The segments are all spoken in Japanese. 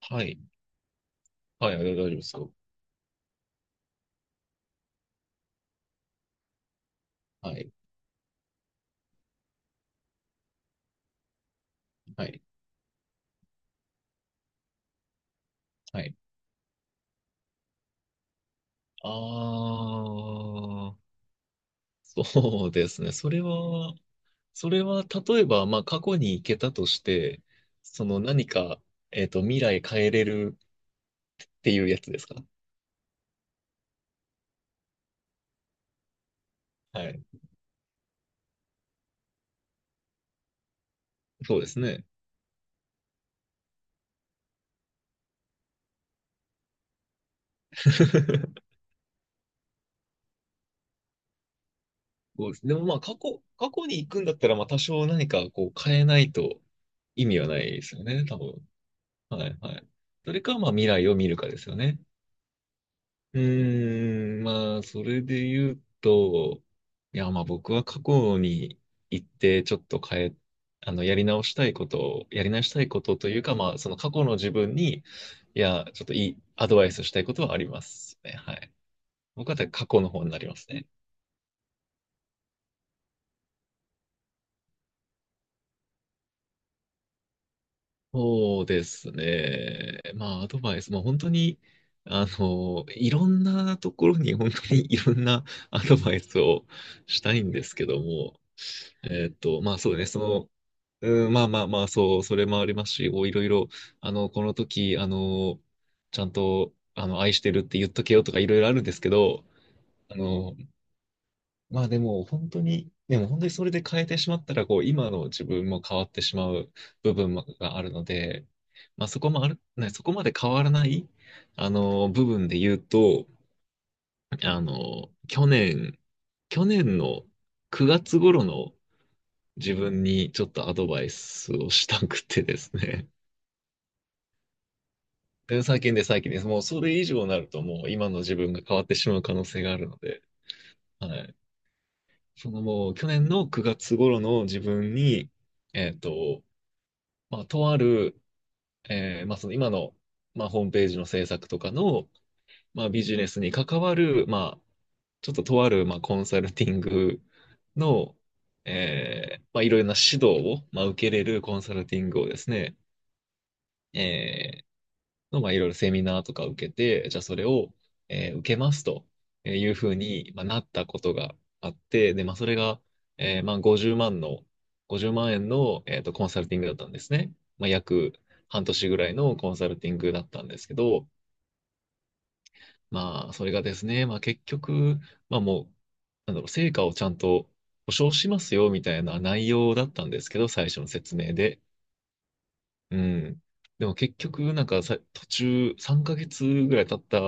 はい。はい、あ大丈夫ですよ。はい。はい。はい。ああ、そうですね。それは、例えば、まあ、過去に行けたとして、その何か、未来変えれるっていうやつですか？はい。そうですね。そうです。でも、まあ、過去に行くんだったら、まあ、多少何か、こう、変えないと意味はないですよね、多分。はい、はい。それか、まあ、未来を見るかですよね。うーん、まあ、それで言うと、いや、まあ僕は過去に行って、ちょっと変え、あの、やり直したいことというか、まあ、その過去の自分に、いや、ちょっといいアドバイスしたいことはありますね。はい。僕は過去の方になりますね。そうですね。まあ、アドバイス、まあ本当に、あの、いろんなところに本当にいろんなアドバイスをしたいんですけども、まあそうね、その、うん、まあまあまあ、そう、それもありますし、こういろいろ、あの、この時、あの、ちゃんと、あの、愛してるって言っとけよとかいろいろあるんですけど、あの、まあでも本当に、それで変えてしまったら、こう、今の自分も変わってしまう部分があるので、まあそこもある、ね、そこまで変わらない、あの、部分で言うと、あの、去年の9月頃の自分にちょっとアドバイスをしたくてですね。で最近です。もうそれ以上になるともう今の自分が変わってしまう可能性があるので、はい。そのもう去年の9月頃の自分に、えっと、まあ、とある、まあその今の、まあ、ホームページの制作とかの、まあ、ビジネスに関わる、まあ、ちょっととある、まあ、コンサルティングの、まあ、いろいろな指導を、まあ、受けれるコンサルティングをですね、えまあ、いろいろセミナーとか受けて、じゃあそれを、受けますというふうに、まあ、なったことがあって、で、まあ、それが、まあ、50万円の、コンサルティングだったんですね。まあ、約半年ぐらいのコンサルティングだったんですけど、まあ、それがですね、まあ、結局、まあ、もう、なんだろう、成果をちゃんと保証しますよ、みたいな内容だったんですけど、最初の説明で。うん。でも結局、なんかさ、途中3ヶ月ぐらい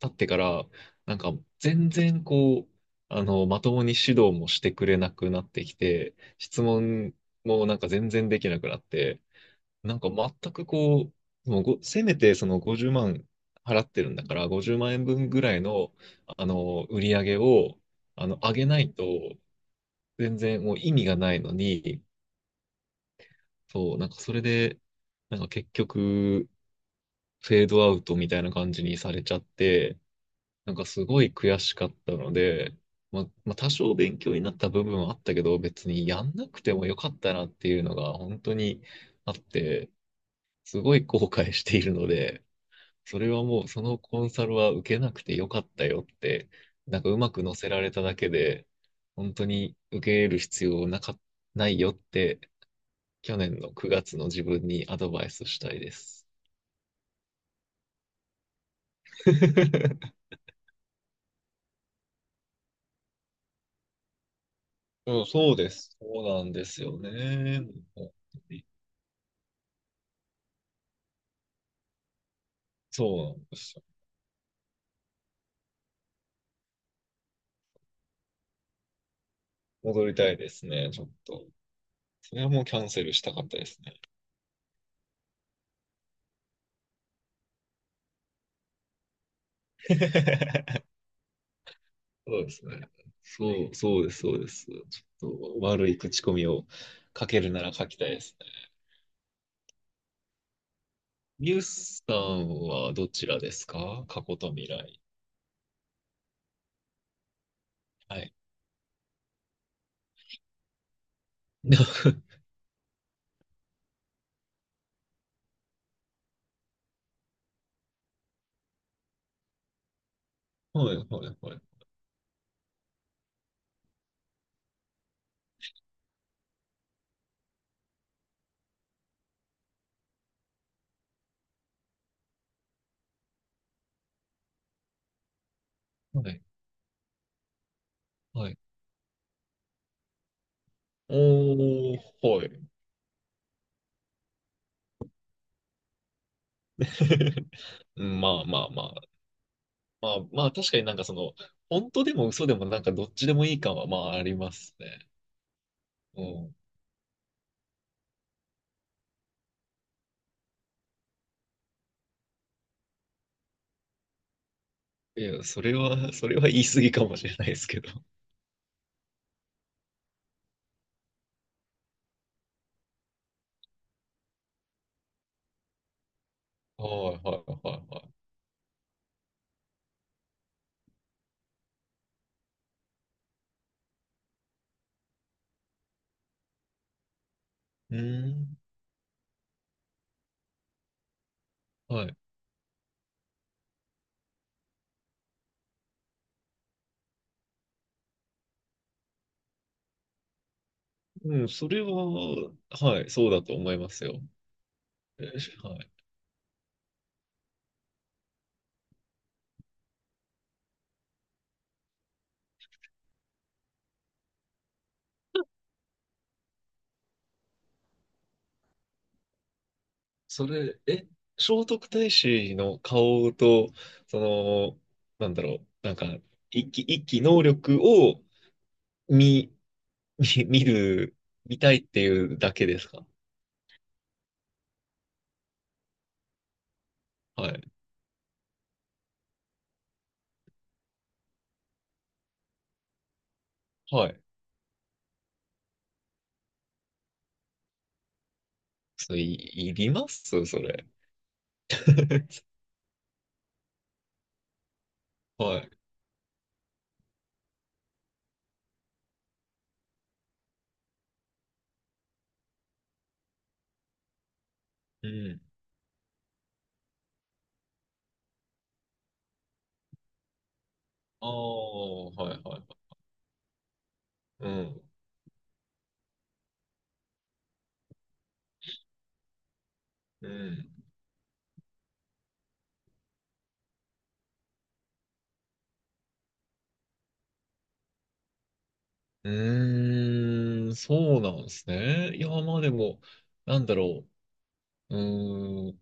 経ってから、なんか全然こう、あの、まともに指導もしてくれなくなってきて、質問もなんか全然できなくなって、なんか全くこう、もうご、せめてその50万払ってるんだから、50万円分ぐらいの、あの、売り上げを、あの、上げないと、全然もう意味がないのに、そう、なんかそれで、なんか結局、フェードアウトみたいな感じにされちゃって、なんかすごい悔しかったので、まあ、まあ多少勉強になった部分はあったけど、別にやんなくてもよかったなっていうのが本当にあって、すごい後悔しているので、それはもうそのコンサルは受けなくてよかったよって、なんかうまく乗せられただけで、本当に受け入れる必要なか、ないよって、去年の9月の自分にアドバイスしたいです。うん、そうです。そうなんですよね。そうなんですよ。戻りたいですね、ちょっと。それはもうキャンセルしたかったですね。そうですね。そう、そうです、そうです。ちょっと悪い口コミを書けるなら書きたいですね。ミュースさんはどちらですか？過去と未来。はい。はい、はい、はい。はい、はい。おー、はい。うんまあまあまあ、まあ確かになんかその、本当でも嘘でもなんかどっちでもいい感はまあありますね。うん。いや、それは、それは言い過ぎかもしれないですけど。はいはいはいはい。うん。はい。うん、それは、はい、そうだと思いますよ。えしはい。それ、え、聖徳太子の顔と、その、なんだろう、なんか、一気能力を見、見、見る、見たいっていうだけですか？はい。はい。それ、い、いりますそれ？はい。うん。ああ、はいはいはい。うん。うん。うーん、そうなんですね。いや、まあでも、なんだろう。うーん。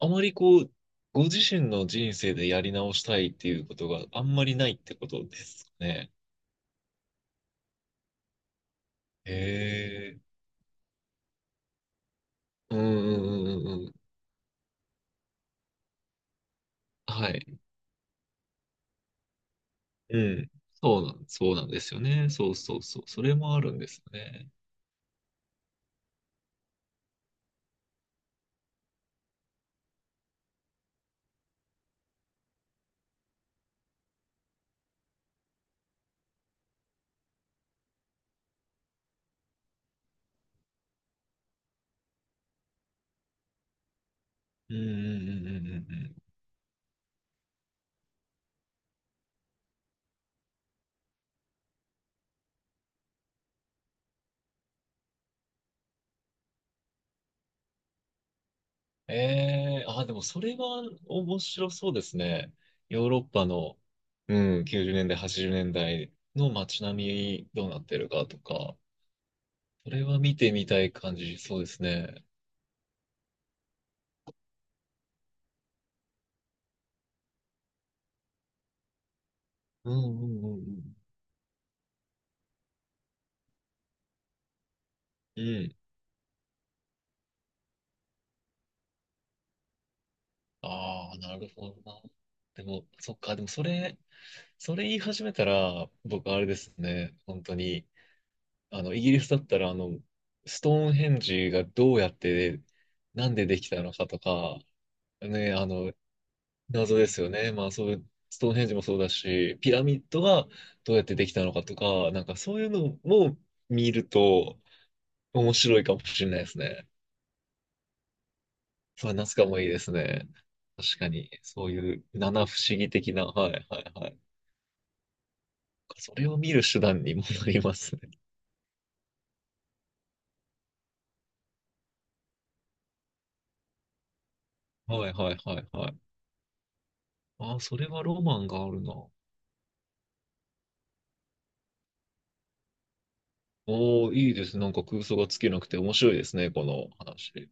あまりこう、ご自身の人生でやり直したいっていうことがあんまりないってことですかね？へえ。うんうんうんうんうん。はい。うん。そうなんですよね。そうそうそう。それもあるんですよね。うんうんうんうんうんうん。ええあ、でもそれは面白そうですね。ヨーロッパの、うん、90年代、80年代の街並みどうなってるかとか、それは見てみたい感じ、そうですね。うんうんうんうん。うん。ああ、なるほどな。でも、そっか、でもそれ、それ言い始めたら、僕あれですね、本当に、あの、イギリスだったら、あの、ストーンヘンジがどうやって、なんでできたのかとか、ね、あの、謎ですよね。まあそういう、ストーンヘンジもそうだし、ピラミッドがどうやってできたのかとか、なんかそういうのも見ると面白いかもしれないですね。そう、夏かもいいですね。確かに、そういう七不思議的な、はいはいはい。それを見る手段にもなりますね。はいはいはいはい。ああ、それはロマンがあるな。おお、いいです。なんか空想が尽きなくて面白いですね、この話。